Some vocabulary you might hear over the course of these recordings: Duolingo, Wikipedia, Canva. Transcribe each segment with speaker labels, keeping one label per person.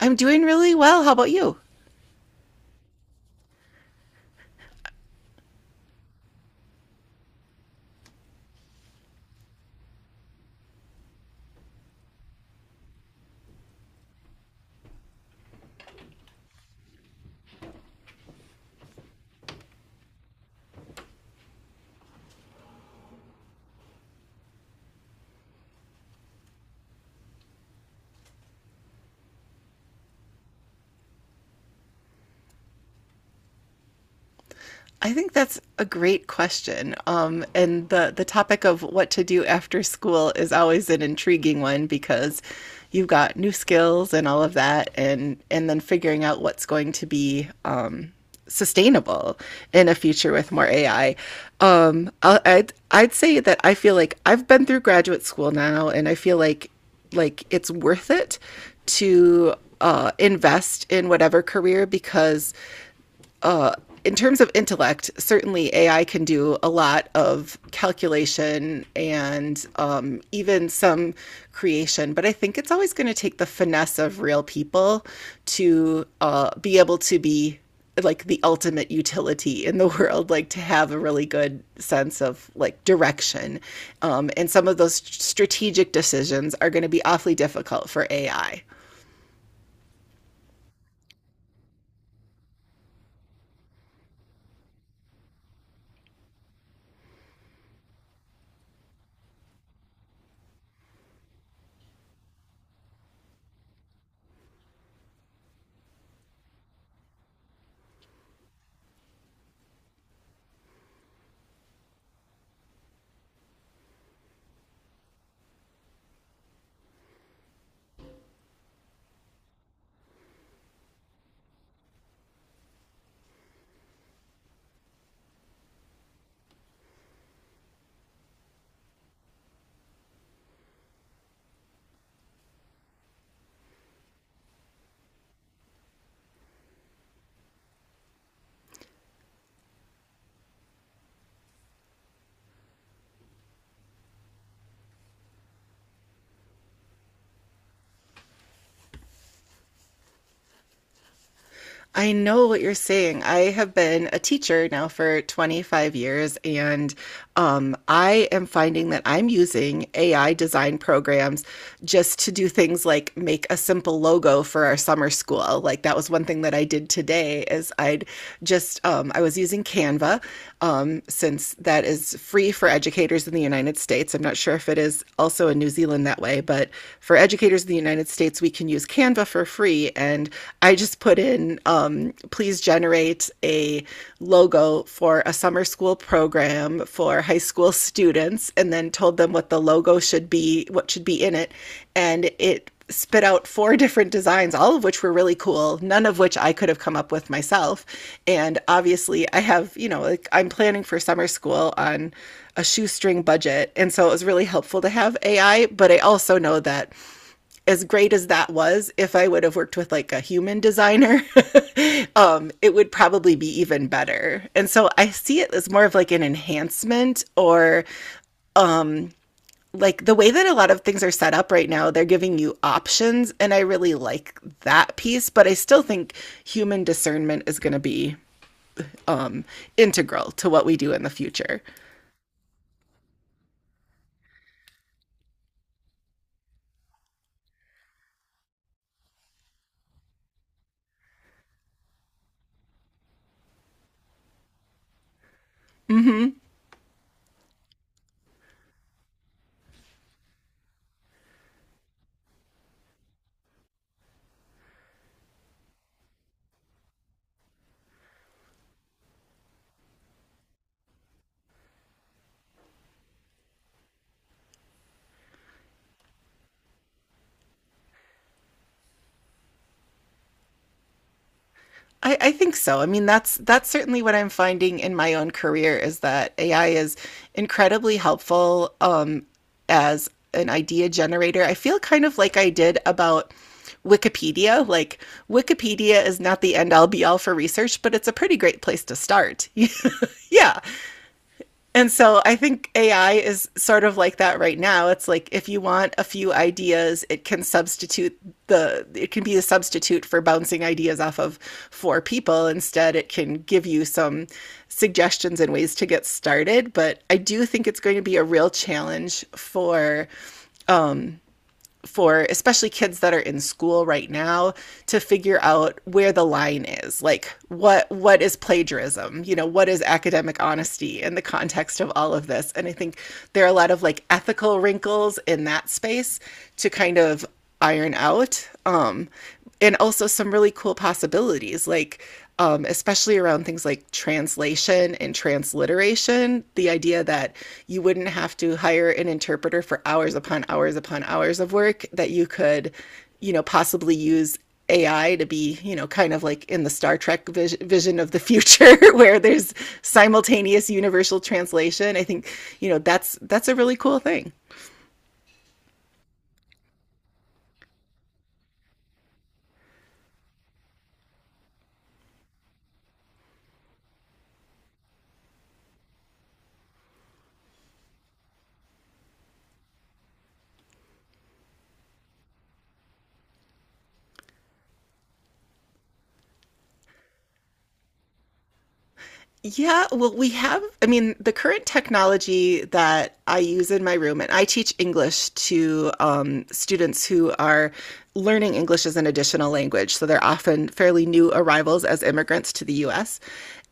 Speaker 1: I'm doing really well. How about you? I think that's a great question. The topic of what to do after school is always an intriguing one because you've got new skills and all of that, and then figuring out what's going to be sustainable in a future with more AI. I'd say that I feel like I've been through graduate school now, and I feel like it's worth it to invest in whatever career because in terms of intellect, certainly AI can do a lot of calculation and even some creation, but I think it's always going to take the finesse of real people to be able to be like the ultimate utility in the world, like to have a really good sense of like direction, and some of those strategic decisions are going to be awfully difficult for ai. I know what you're saying. I have been a teacher now for 25 years, and I am finding that I'm using AI design programs just to do things like make a simple logo for our summer school. Like that was one thing that I did today is I'd just I was using Canva, since that is free for educators in the United States. I'm not sure if it is also in New Zealand that way, but for educators in the United States, we can use Canva for free. And I just put in, please generate a logo for a summer school program for high school students, and then told them what the logo should be, what should be in it. And it spit out four different designs, all of which were really cool, none of which I could have come up with myself. And obviously, I have, you know, like I'm planning for summer school on a shoestring budget. And so it was really helpful to have AI, but I also know that as great as that was, if I would have worked with like a human designer, it would probably be even better. And so I see it as more of like an enhancement, or like the way that a lot of things are set up right now, they're giving you options. And I really like that piece, but I still think human discernment is going to be um, integral to what we do in the future. Mm-hmm. I think so. I mean, that's certainly what I'm finding in my own career is that AI is incredibly helpful, as an idea generator. I feel kind of like I did about Wikipedia. Like Wikipedia is not the end all be all for research, but it's a pretty great place to start. Yeah, and so I think AI is sort of like that right now. It's like if you want a few ideas, it can substitute it can be a substitute for bouncing ideas off of four people. Instead, it can give you some suggestions and ways to get started. But I do think it's going to be a real challenge for especially kids that are in school right now to figure out where the line is, like what is plagiarism, you know, what is academic honesty in the context of all of this. And I think there are a lot of like ethical wrinkles in that space to kind of iron out, and also some really cool possibilities like, especially around things like translation and transliteration. The idea that you wouldn't have to hire an interpreter for hours upon hours upon hours of work, that you could, you know, possibly use AI to be, you know, kind of like in the Star Trek vision of the future where there's simultaneous universal translation. I think, you know, that's a really cool thing. Yeah, well, we have, I mean, the current technology that I use in my room, and I teach English to, students who are learning English as an additional language. So they're often fairly new arrivals as immigrants to the US.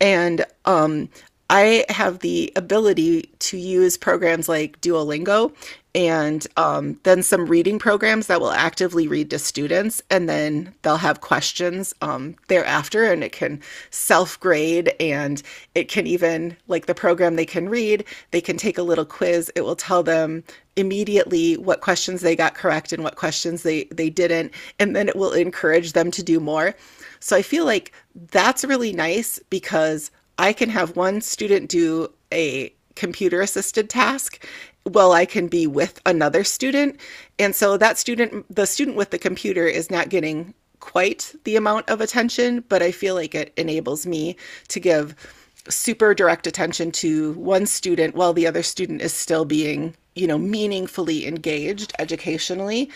Speaker 1: And I have the ability to use programs like Duolingo and, then some reading programs that will actively read to students, and then they'll have questions thereafter, and it can self grade, and it can even, like the program they can read, they can take a little quiz. It will tell them immediately what questions they got correct and what questions they didn't, and then it will encourage them to do more. So I feel like that's really nice because I can have one student do a computer assisted task while I can be with another student. And so that student, the student with the computer, is not getting quite the amount of attention, but I feel like it enables me to give super direct attention to one student while the other student is still being, you know, meaningfully engaged educationally,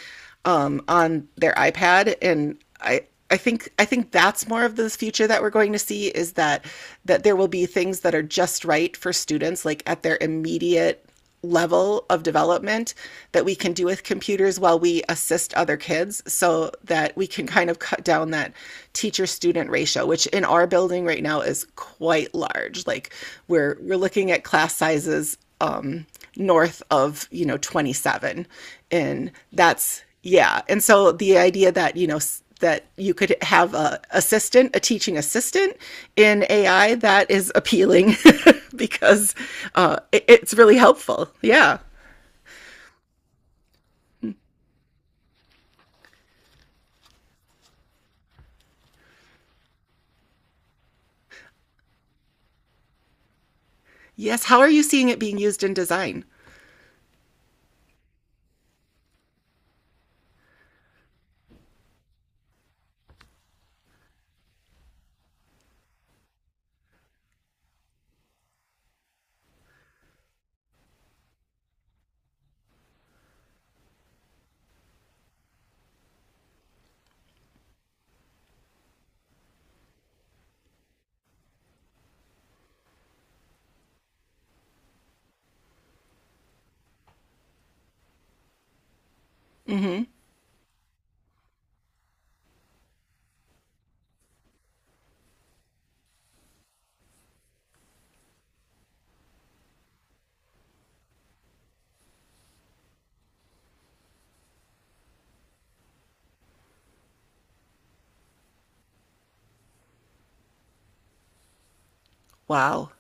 Speaker 1: on their iPad. And I think I think that's more of the future that we're going to see, is that there will be things that are just right for students, like at their immediate level of development, that we can do with computers while we assist other kids, so that we can kind of cut down that teacher student ratio, which in our building right now is quite large. Like we're looking at class sizes, north of, you know, 27. And that's, yeah. And so the idea that, you know, that you could have a assistant, a teaching assistant in AI, that is appealing because it's really helpful. Yeah. Yes. How are you seeing it being used in design? Mm-hmm. Wow.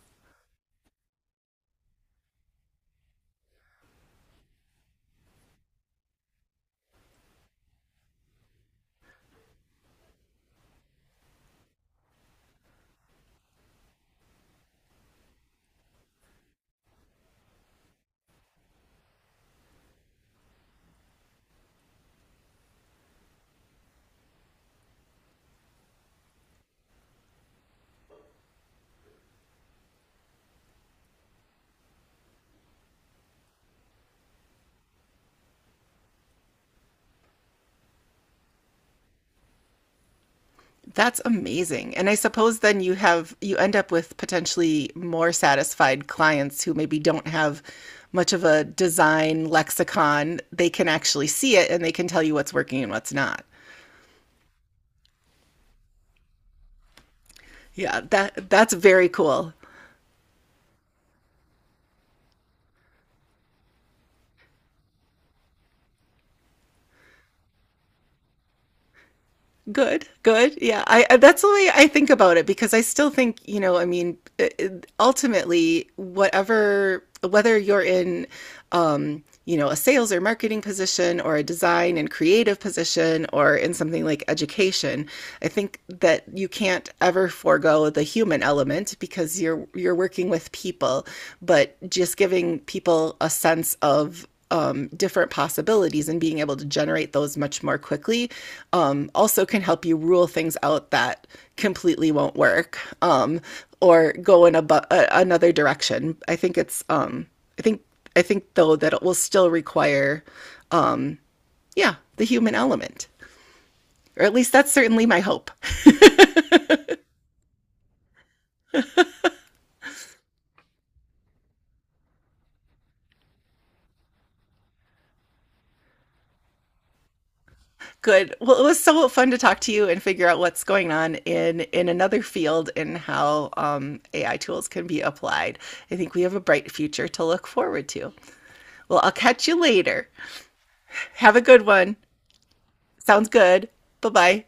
Speaker 1: That's amazing. And I suppose then you have you end up with potentially more satisfied clients who maybe don't have much of a design lexicon. They can actually see it and they can tell you what's working and what's not. Yeah, that that's very cool. Good, good. Yeah, that's the way I think about it because I still think, you know, I mean, ultimately, whatever, whether you're in, you know, a sales or marketing position or a design and creative position or in something like education, I think that you can't ever forego the human element because you're working with people, but just giving people a sense of, different possibilities and being able to generate those much more quickly, also can help you rule things out that completely won't work, or go in a another direction. I think it's, I think I think though that it will still require yeah the human element, or at least that's certainly my hope. Good. Well, it was so fun to talk to you and figure out what's going on in another field and how, AI tools can be applied. I think we have a bright future to look forward to. Well, I'll catch you later. Have a good one. Sounds good. Bye bye.